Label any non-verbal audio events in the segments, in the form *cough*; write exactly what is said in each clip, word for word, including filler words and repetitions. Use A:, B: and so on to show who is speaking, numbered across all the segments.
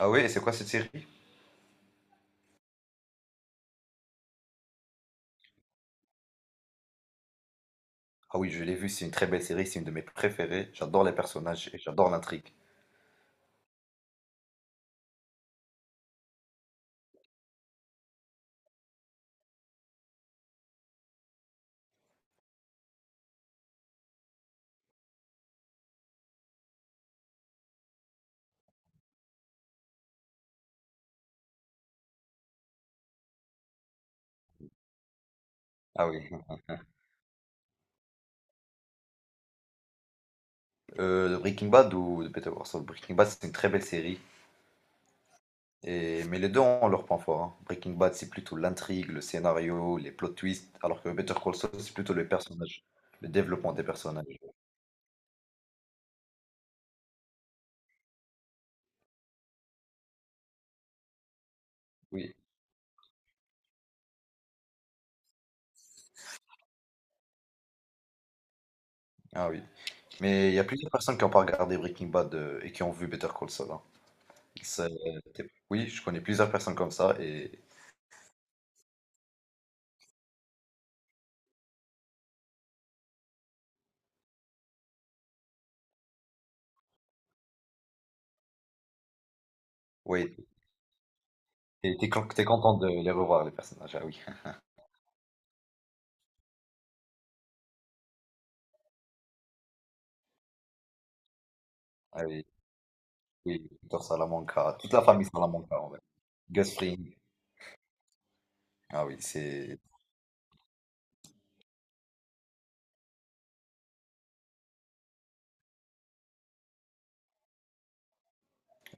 A: Ah oui, et c'est quoi cette série? Ah oui, je l'ai vue, c'est une très belle série, c'est une de mes préférées. J'adore les personnages et j'adore l'intrigue. Ah oui. Euh, de Breaking Bad ou de Better Call Saul? Breaking Bad, c'est une très belle série. Et... Mais les deux ont leur point fort, hein. Breaking Bad, c'est plutôt l'intrigue, le scénario, les plot twists, alors que Better Call Saul, c'est plutôt les personnages, le développement des personnages. Oui. Ah oui. Mais il y a plusieurs personnes qui n'ont pas regardé Breaking Bad euh, et qui ont vu Better Call Saul, hein. Ça, euh, t'es- Oui, je connais plusieurs personnes comme ça et oui, et t'es con- t'es content de les revoir, les personnages. Ah oui. Ah oui, oui, Peter Salamanca, toute la famille Salamanca en vrai. Gus Fring, ah oui, c'est.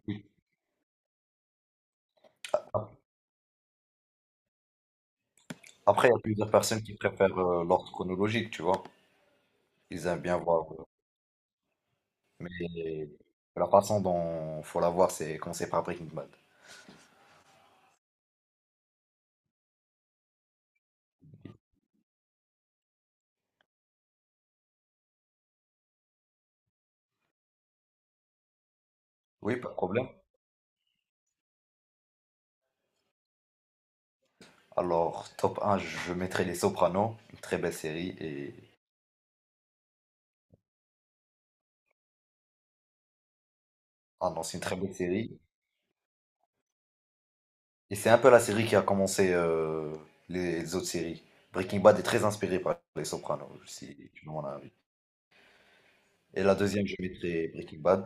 A: Oui. Ap- Après, il y a plusieurs personnes qui préfèrent euh, l'ordre chronologique, tu vois. Ils aiment bien voir. euh, Mais la façon dont faut la voir, c'est commencer par Breaking Bad. Oui, pas de problème. Alors, top un, je mettrai Les Sopranos, une très belle série. Et... Ah non, c'est une très belle série. Et c'est un peu la série qui a commencé euh, les autres séries. Breaking Bad est très inspiré par Les Sopranos, si tu me demandes un avis. Et la deuxième, je mettrais Breaking Bad.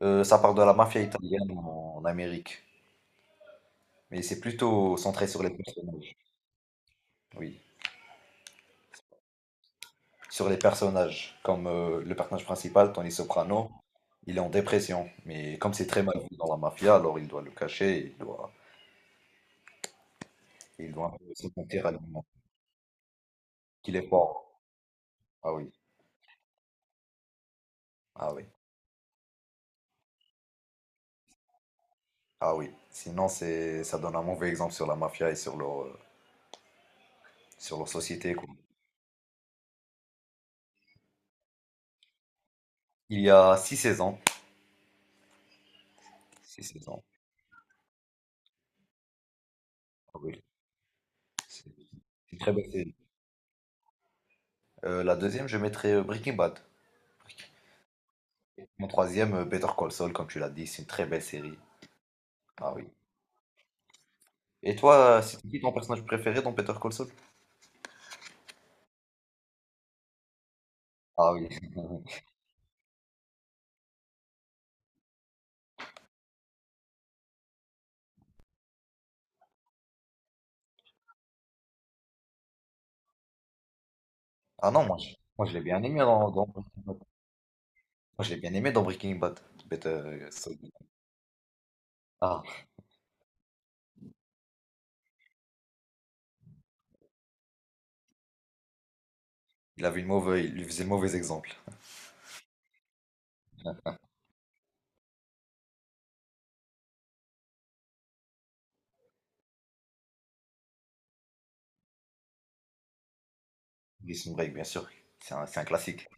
A: Heu, ça parle de la mafia italienne en en Amérique, mais c'est plutôt centré sur les personnages, oui, sur les personnages comme, heu, le personnage principal, Tony Soprano, il est en dépression, mais comme c'est très mal vu dans la mafia, alors il doit le cacher, il doit il doit un peu se mentir à lui-même qu'il est fort. Ah oui, ah oui, ah oui. Sinon c'est ça donne un mauvais exemple sur la mafia et sur leur, heu, sur leur société, quoi. Il y a six saisons, Six saisons, ah oui, c'est c'est une très belle série. Euh, la deuxième, je mettrais euh, Breaking Bad. Mon troisième, euh, Better Call Saul, comme tu l'as dit, c'est une très belle série. Ah oui. Et toi, euh, c'est qui ton personnage préféré dans Better Call Saul? Ah oui. *laughs* Ah non, moi je, moi, je l'ai bien aimé dans, dans Breaking Bad. Moi je l'ai bien aimé dans Breaking Bad. Better Saul. Ah, il avait une mauvaise, il lui faisait le mauvais exemple. Prison Break, bien sûr. C'est un, c'est un classique.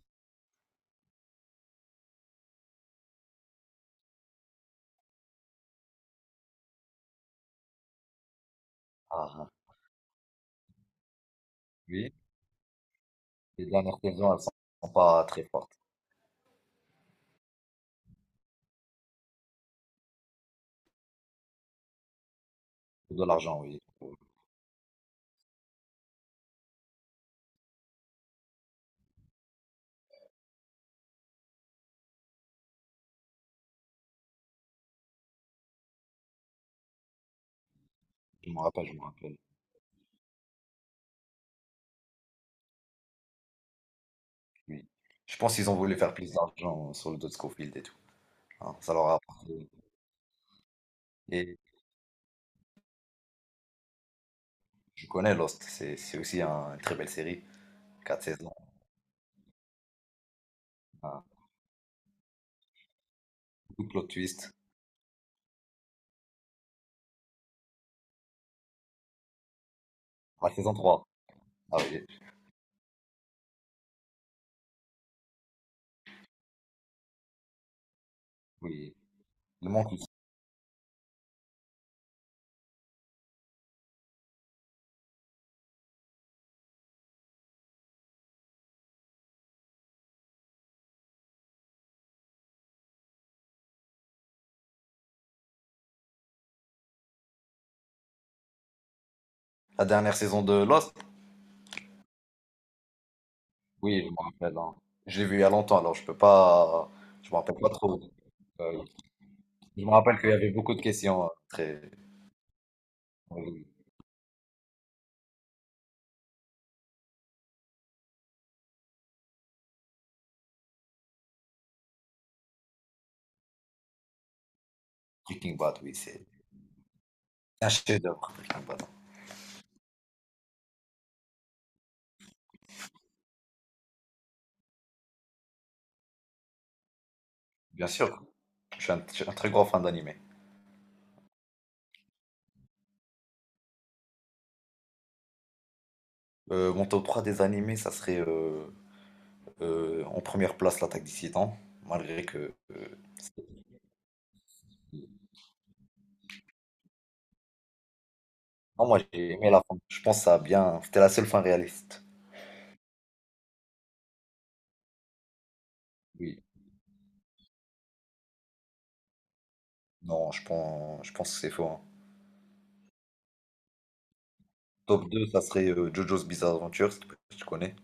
A: Ah oui. Les dernières saisons, elles sont sont pas très fortes. De l'argent, oui. Je me rappelle, je me rappelle. Oui. Je pense qu'ils ont voulu faire plus d'argent sur le dos de Scofield et tout. Hein, ça leur a appartenu. Et je connais Lost, c'est c'est aussi un- une très belle série. Quatre saisons, un- beaucoup de plot twist. La saison trois. Ah oui, oui. Il manque une- La dernière saison de Lost, oui, je me rappelle, hein. Je l'ai vue il y a longtemps, alors je peux pas. Je me rappelle pas trop. Euh, je me rappelle qu'il y avait beaucoup de questions euh, très. Oui, Breaking Bad, oui, c'est un chef-d'œuvre, Breaking Bad. Bien sûr, je suis un, je suis un très grand fan d'anime. Euh, mon top trois des animés, ça serait euh, euh, en première place l'attaque des Titans, malgré que euh, Non, moi j'ai aimé la fin. Je pense que ça a bien. C'était la seule fin réaliste. Oui. Non, je pense, je pense que c'est faux, hein. Top deux ça serait euh, Jojo's Bizarre Adventure, si tu si tu connais.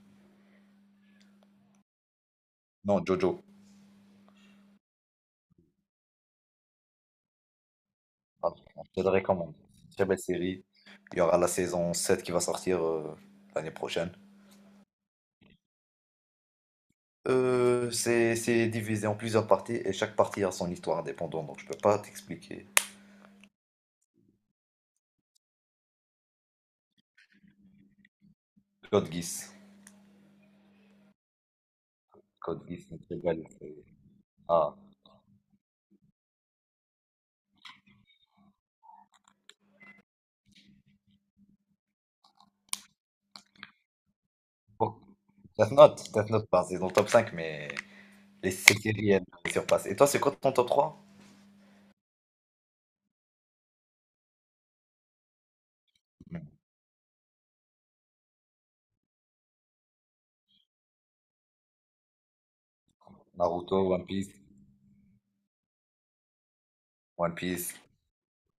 A: Non, Jojo. Pardon. Je te le recommande. C'est une très belle série. Il y aura la saison sept qui va sortir euh, l'année prochaine. Euh, c'est c'est divisé en plusieurs parties et chaque partie a son histoire indépendante, donc je peux pas t'expliquer. Code Geass. Code Geass, c'est une très belle série. Ah. Bon. Death Note, Death Note, bah, c'est dans le top cinq mais les séries, elles me surpassent. Et toi, c'est quoi ton top trois? Hmm. Naruto, One Piece, One Piece,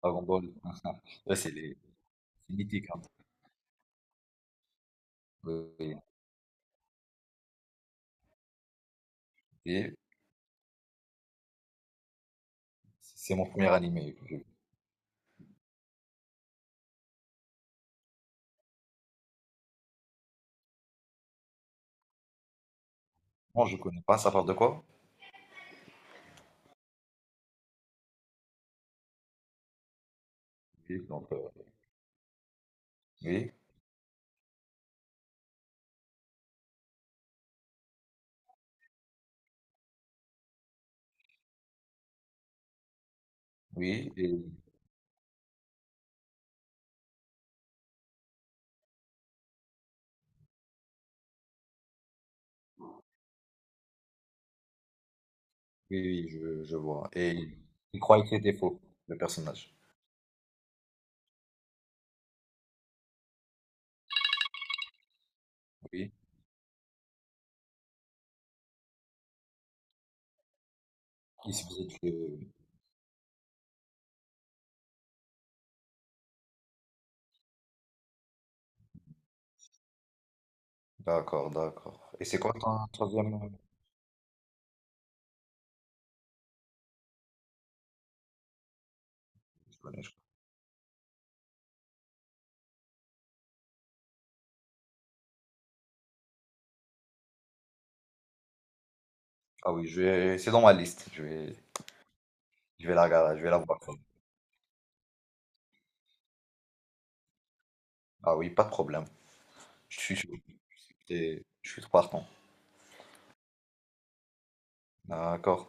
A: Dragon Ball. Ouais, c'est les... c'est mythique, hein. Oui, oui. Et c'est mon premier animé. Je... Moi, je connais pas, ça parle de quoi? Oui, donc, euh, oui, oui, et- oui, oui, je, je vois. Et il croyait qu'il était faux, le personnage. Oui, il se faisait tuer. D'accord, d'accord. Et c'est quoi ton troisième? euh, Je connais, je- Ah oui, je vais... c'est dans ma liste. Je vais, je vais la regarder, je vais la voir. Ah oui, pas de problème. Je suis chaud. C'est- Je suis partant. D'accord.